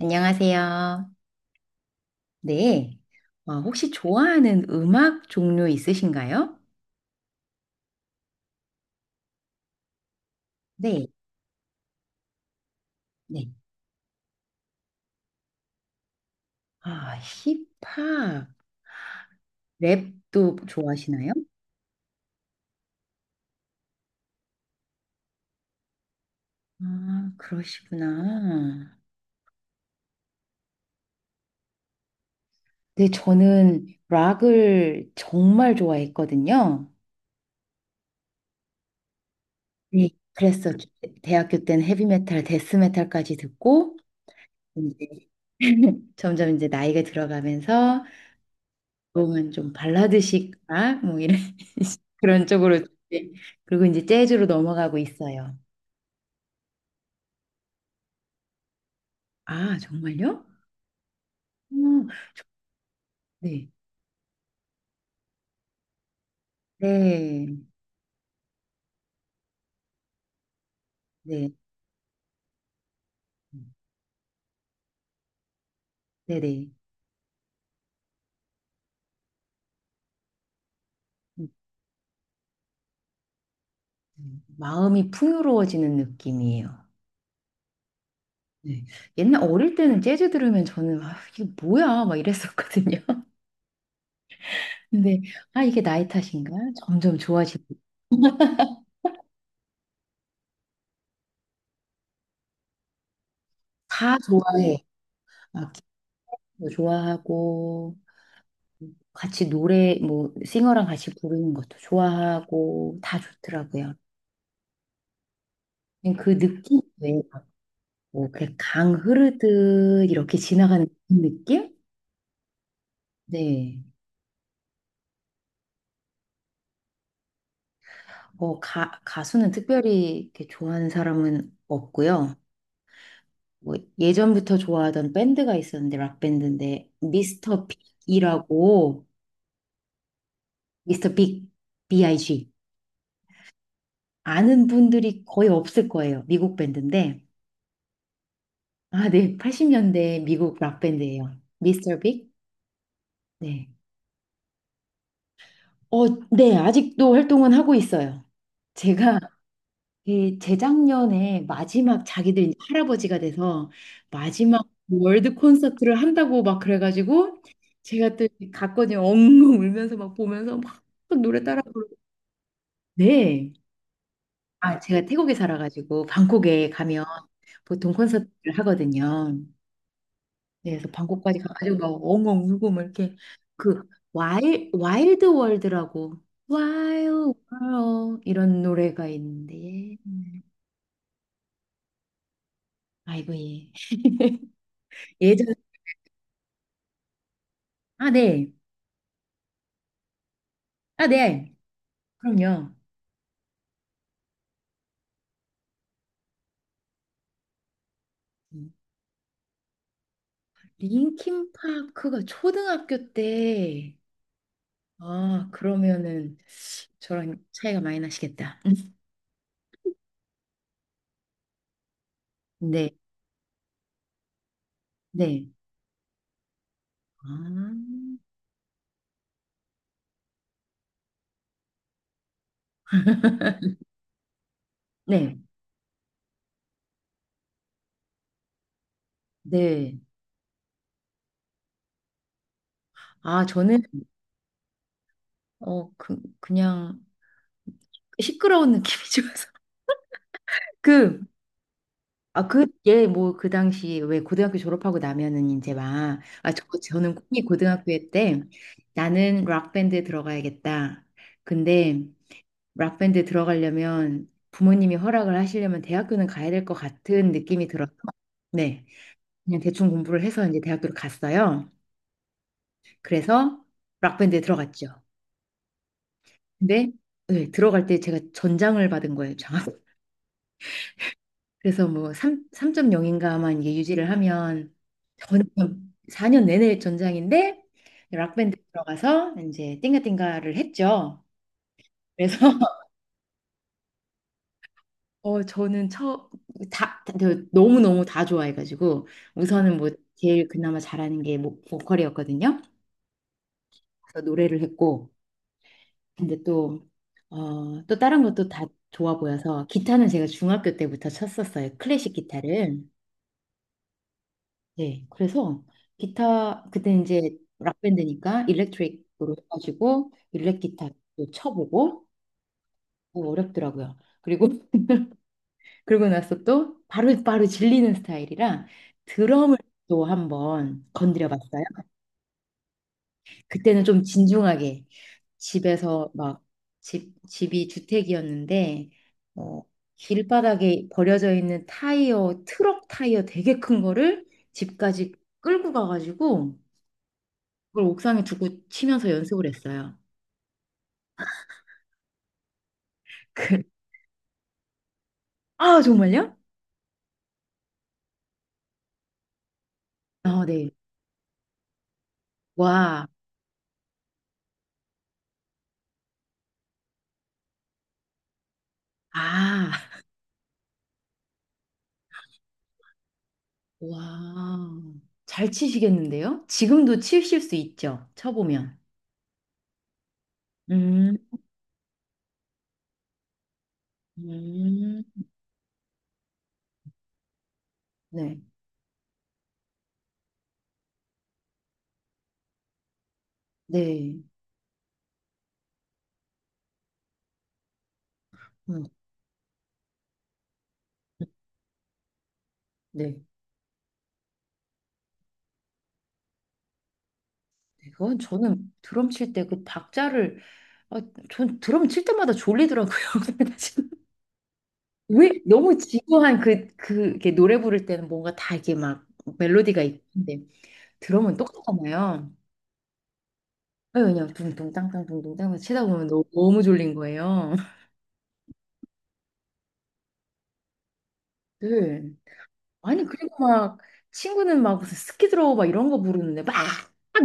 안녕하세요. 네. 혹시 좋아하는 음악 종류 있으신가요? 네. 네. 아, 힙합, 랩도 좋아하시나요? 아, 그러시구나. 네, 저는 락을 정말 좋아했거든요. 네. 그래서 대학교 때는 헤비메탈, 데스메탈까지 듣고, 이제 점점 이제 나이가 들어가면서 그러면 좀 발라드식, 아, 뭐 이런 그런 쪽으로 이제, 그리고 이제 재즈로 넘어가고 있어요. 아, 정말요? 음, 네. 네. 네. 네, 네. 음, 마음이 풍요로워지는 느낌이에요. 네. 옛날 어릴 때는 재즈 들으면 저는, 아, 이게 뭐야? 막 이랬었거든요. 근데 아, 이게 나이 탓인가? 점점 좋아지고 다 좋아해. 악기도 좋아하고, 같이 노래, 뭐, 싱어랑 같이 부르는 것도 좋아하고, 다 좋더라고요. 그냥 그 느낌 외에, 뭐, 그강 흐르듯 이렇게 지나가는 그 느낌? 네. 어, 가수는 특별히 이렇게 좋아하는 사람은 없고요. 뭐, 예전부터 좋아하던 밴드가 있었는데, 락밴드인데, 미스터 빅이라고, 미스터 빅, B.I.G. 아는 분들이 거의 없을 거예요. 미국 밴드인데. 아, 네. 80년대 미국 락밴드예요. 미스터 빅, 네. 어, 네, 아직도 활동은 하고 있어요. 제가 이 재작년에 마지막, 자기들 이제 할아버지가 돼서 마지막 월드 콘서트를 한다고 막 그래가지고 제가 또이 갔거든요. 엉엉 울면서 막 보면서 막 노래 따라 부르고. 네. 아, 제가 태국에 살아가지고 방콕에 가면 보통 콘서트를 하거든요. 네, 그래서 방콕까지 가가지고 막 엉엉 울고 막 이렇게 그 와일드 월드라고, 와일드 월드 이런 노래가 있는데 예. 아이고 예, 예전, 아네아네, 그럼요. 음. linkin 가 초등학교 때, 아 그러면은 저랑 차이가 많이 나시겠다. 네 네. 아, 네, 네. 아, 저는, 어, 그냥 시끄러운 느낌이 좋아서. 그, 아, 그, 얘, 뭐, 그 당시, 왜 고등학교 졸업하고 나면은 이제 막, 아, 저는 꿈이 고등학교 때 나는 락밴드에 들어가야겠다. 근데 락밴드에 들어가려면 부모님이 허락을 하시려면 대학교는 가야 될 것 같은 느낌이 들어서, 네. 그냥 대충 공부를 해서 이제 대학교를 갔어요. 그래서 락밴드에 들어갔죠. 근데, 네, 들어갈 때 제가 전장을 받은 거예요. 그래서 뭐 3, 점0인가만 이게 유지를 하면 전 4년 내내 전장인데 락밴드 들어가서 이제 띵가띵가를 했죠. 그래서 어 저는 처다 너무 너무 다 좋아해가지고 우선은 뭐 제일 그나마 잘하는 게 뭐, 보컬이었거든요. 그래서 노래를 했고 근데 또 어, 또 다른 것도 다 좋아 보여서, 기타는 제가 중학교 때부터 쳤었어요. 클래식 기타를. 네, 그래서 기타 그때 이제 락밴드니까 일렉트릭으로 해가지고 일렉 기타도 쳐보고 어, 어렵더라고요. 그리고 그러고 나서 또 바로바로 질리는 스타일이라 드럼을 또 한번 건드려 봤어요. 그때는 좀 진중하게 집에서 막, 집이 주택이었는데 어, 길바닥에 버려져 있는 타이어, 트럭 타이어 되게 큰 거를 집까지 끌고 가가지고 그걸 옥상에 두고 치면서 연습을 했어요. 그, 아, 정말요? 어, 네. 와, 아, 와. 잘 치시겠는데요? 지금도 치실 수 있죠? 쳐보면. 음, 음, 네, 네. 음, 네. 네, 그건 저는 드럼 칠 때 그 박자를, 아, 전 드럼 칠 때마다 졸리더라고요. 그래가지고 왜 너무 지루한 그, 그, 이렇게 노래 부를 때는 뭔가 다 이게 막 멜로디가 있는데 드럼은 똑같잖아요. 아니, 그냥 둥둥 땅땅 둥둥 땅땅 치다 보면 너무 너무 졸린 거예요. 네. 아니 그리고 막 친구는 막 무슨 스키 들어 막 이런 거 부르는데 막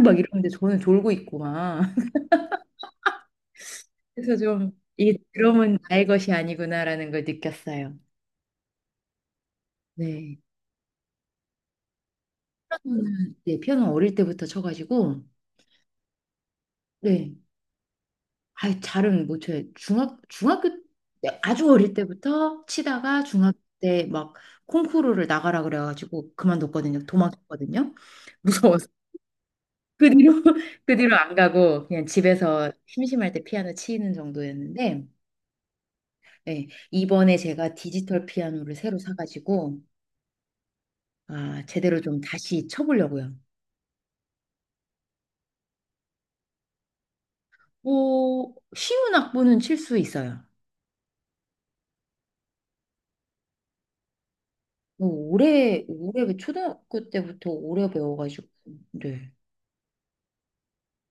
막 이러는데 저는 졸고 있고 막 그래서 좀 이 드럼은 나의 것이 아니구나라는 걸 느꼈어요. 네. 피아노는, 네, 피아노 어릴 때부터 쳐가지고 네. 아, 잘은 못 쳐요. 중학교 때, 아주 어릴 때부터 치다가 중학교 때 막 콩쿠르를 나가라 그래가지고 그만뒀거든요. 도망쳤거든요. 무서워서. 그 뒤로 그 뒤로 안 가고 그냥 집에서 심심할 때 피아노 치는 정도였는데, 예, 이번에 제가 디지털 피아노를 새로 사가지고 아, 제대로 좀 다시 쳐보려고요. 오, 쉬운 악보는 칠 수 있어요. 오, 오래 오래 그 초등학교 때부터 오래 배워가지고 네.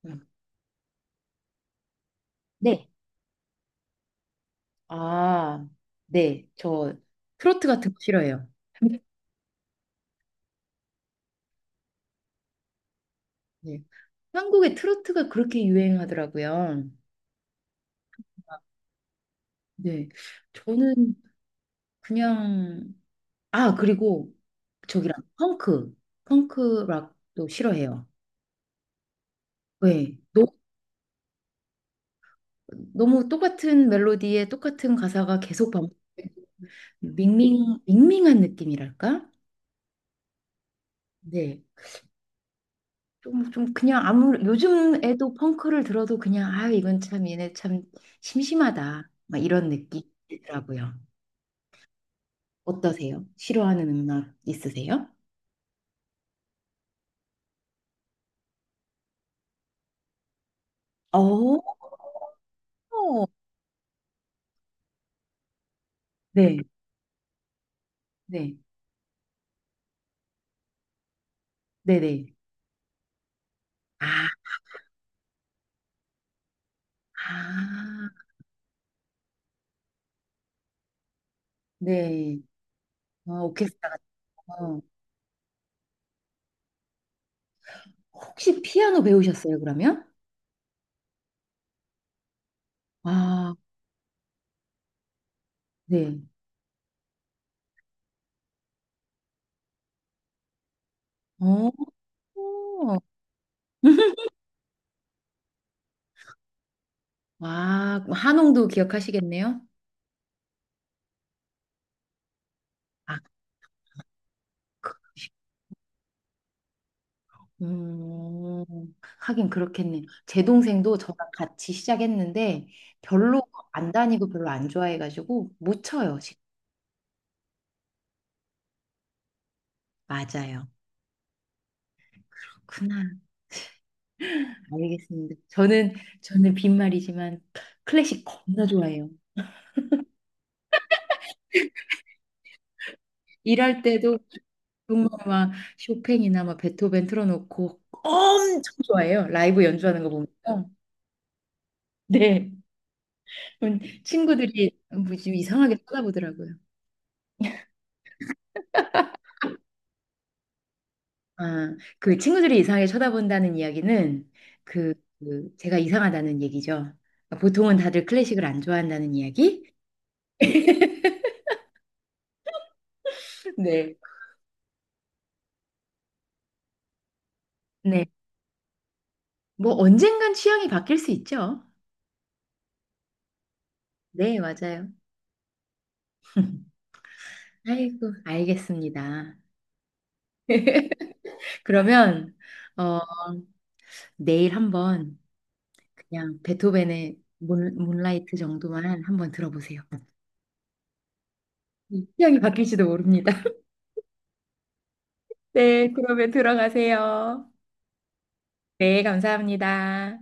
음. 네. 아, 네. 저 트로트 같은 거 싫어해요. 네. 한국에 트로트가 그렇게 유행하더라고요. 네. 저는 그냥, 아 그리고 저기랑 펑크, 펑크 락도 싫어해요. 왜? 너, 너무 똑같은 멜로디에 똑같은 가사가 계속 반복, 밍밍 밍밍한 느낌이랄까? 네. 좀 좀 그냥 아무 요즘 애도 펑크를 들어도 그냥 아 이건 참 얘네 참 심심하다. 막 이런 느낌이더라고요. 어떠세요? 싫어하는 음악 있으세요? 어. 네. 네. 네네. 아. 아. 네. 어, 오케스트라 같은 거. 혹시 피아노 배우셨어요, 그러면? 아, 네. 어. 와, 그럼 한홍도 기억하시겠네요? 아, 그- 음, 하긴 그렇겠네요. 제 동생도 저랑 같이 시작했는데 별로 안 다니고 별로 안 좋아해가지고 못 쳐요, 지금. 맞아요. 그나 알겠습니다. 저는 빈말이지만 클래식 겁나 좋아해요. 일할 때도 정말 막 쇼팽이나 막 베토벤 틀어놓고 엄청 좋아해요. 라이브 연주하는 거 보면서 네. 친구들이 뭐좀 이상하게 쳐다보더라고요. 아, 그 친구들이 이상하게 쳐다본다는 이야기는 그, 그 제가 이상하다는 얘기죠. 그러니까 보통은 다들 클래식을 안 좋아한다는 이야기? 네. 네. 뭐 언젠간 취향이 바뀔 수 있죠. 네, 맞아요. 아이고, 알겠습니다. 그러면, 어, 내일 한번 그냥 베토벤의 문라이트 정도만 한번 들어보세요. 취향이 바뀔지도 모릅니다. 네, 그러면 들어가세요. 네, 감사합니다.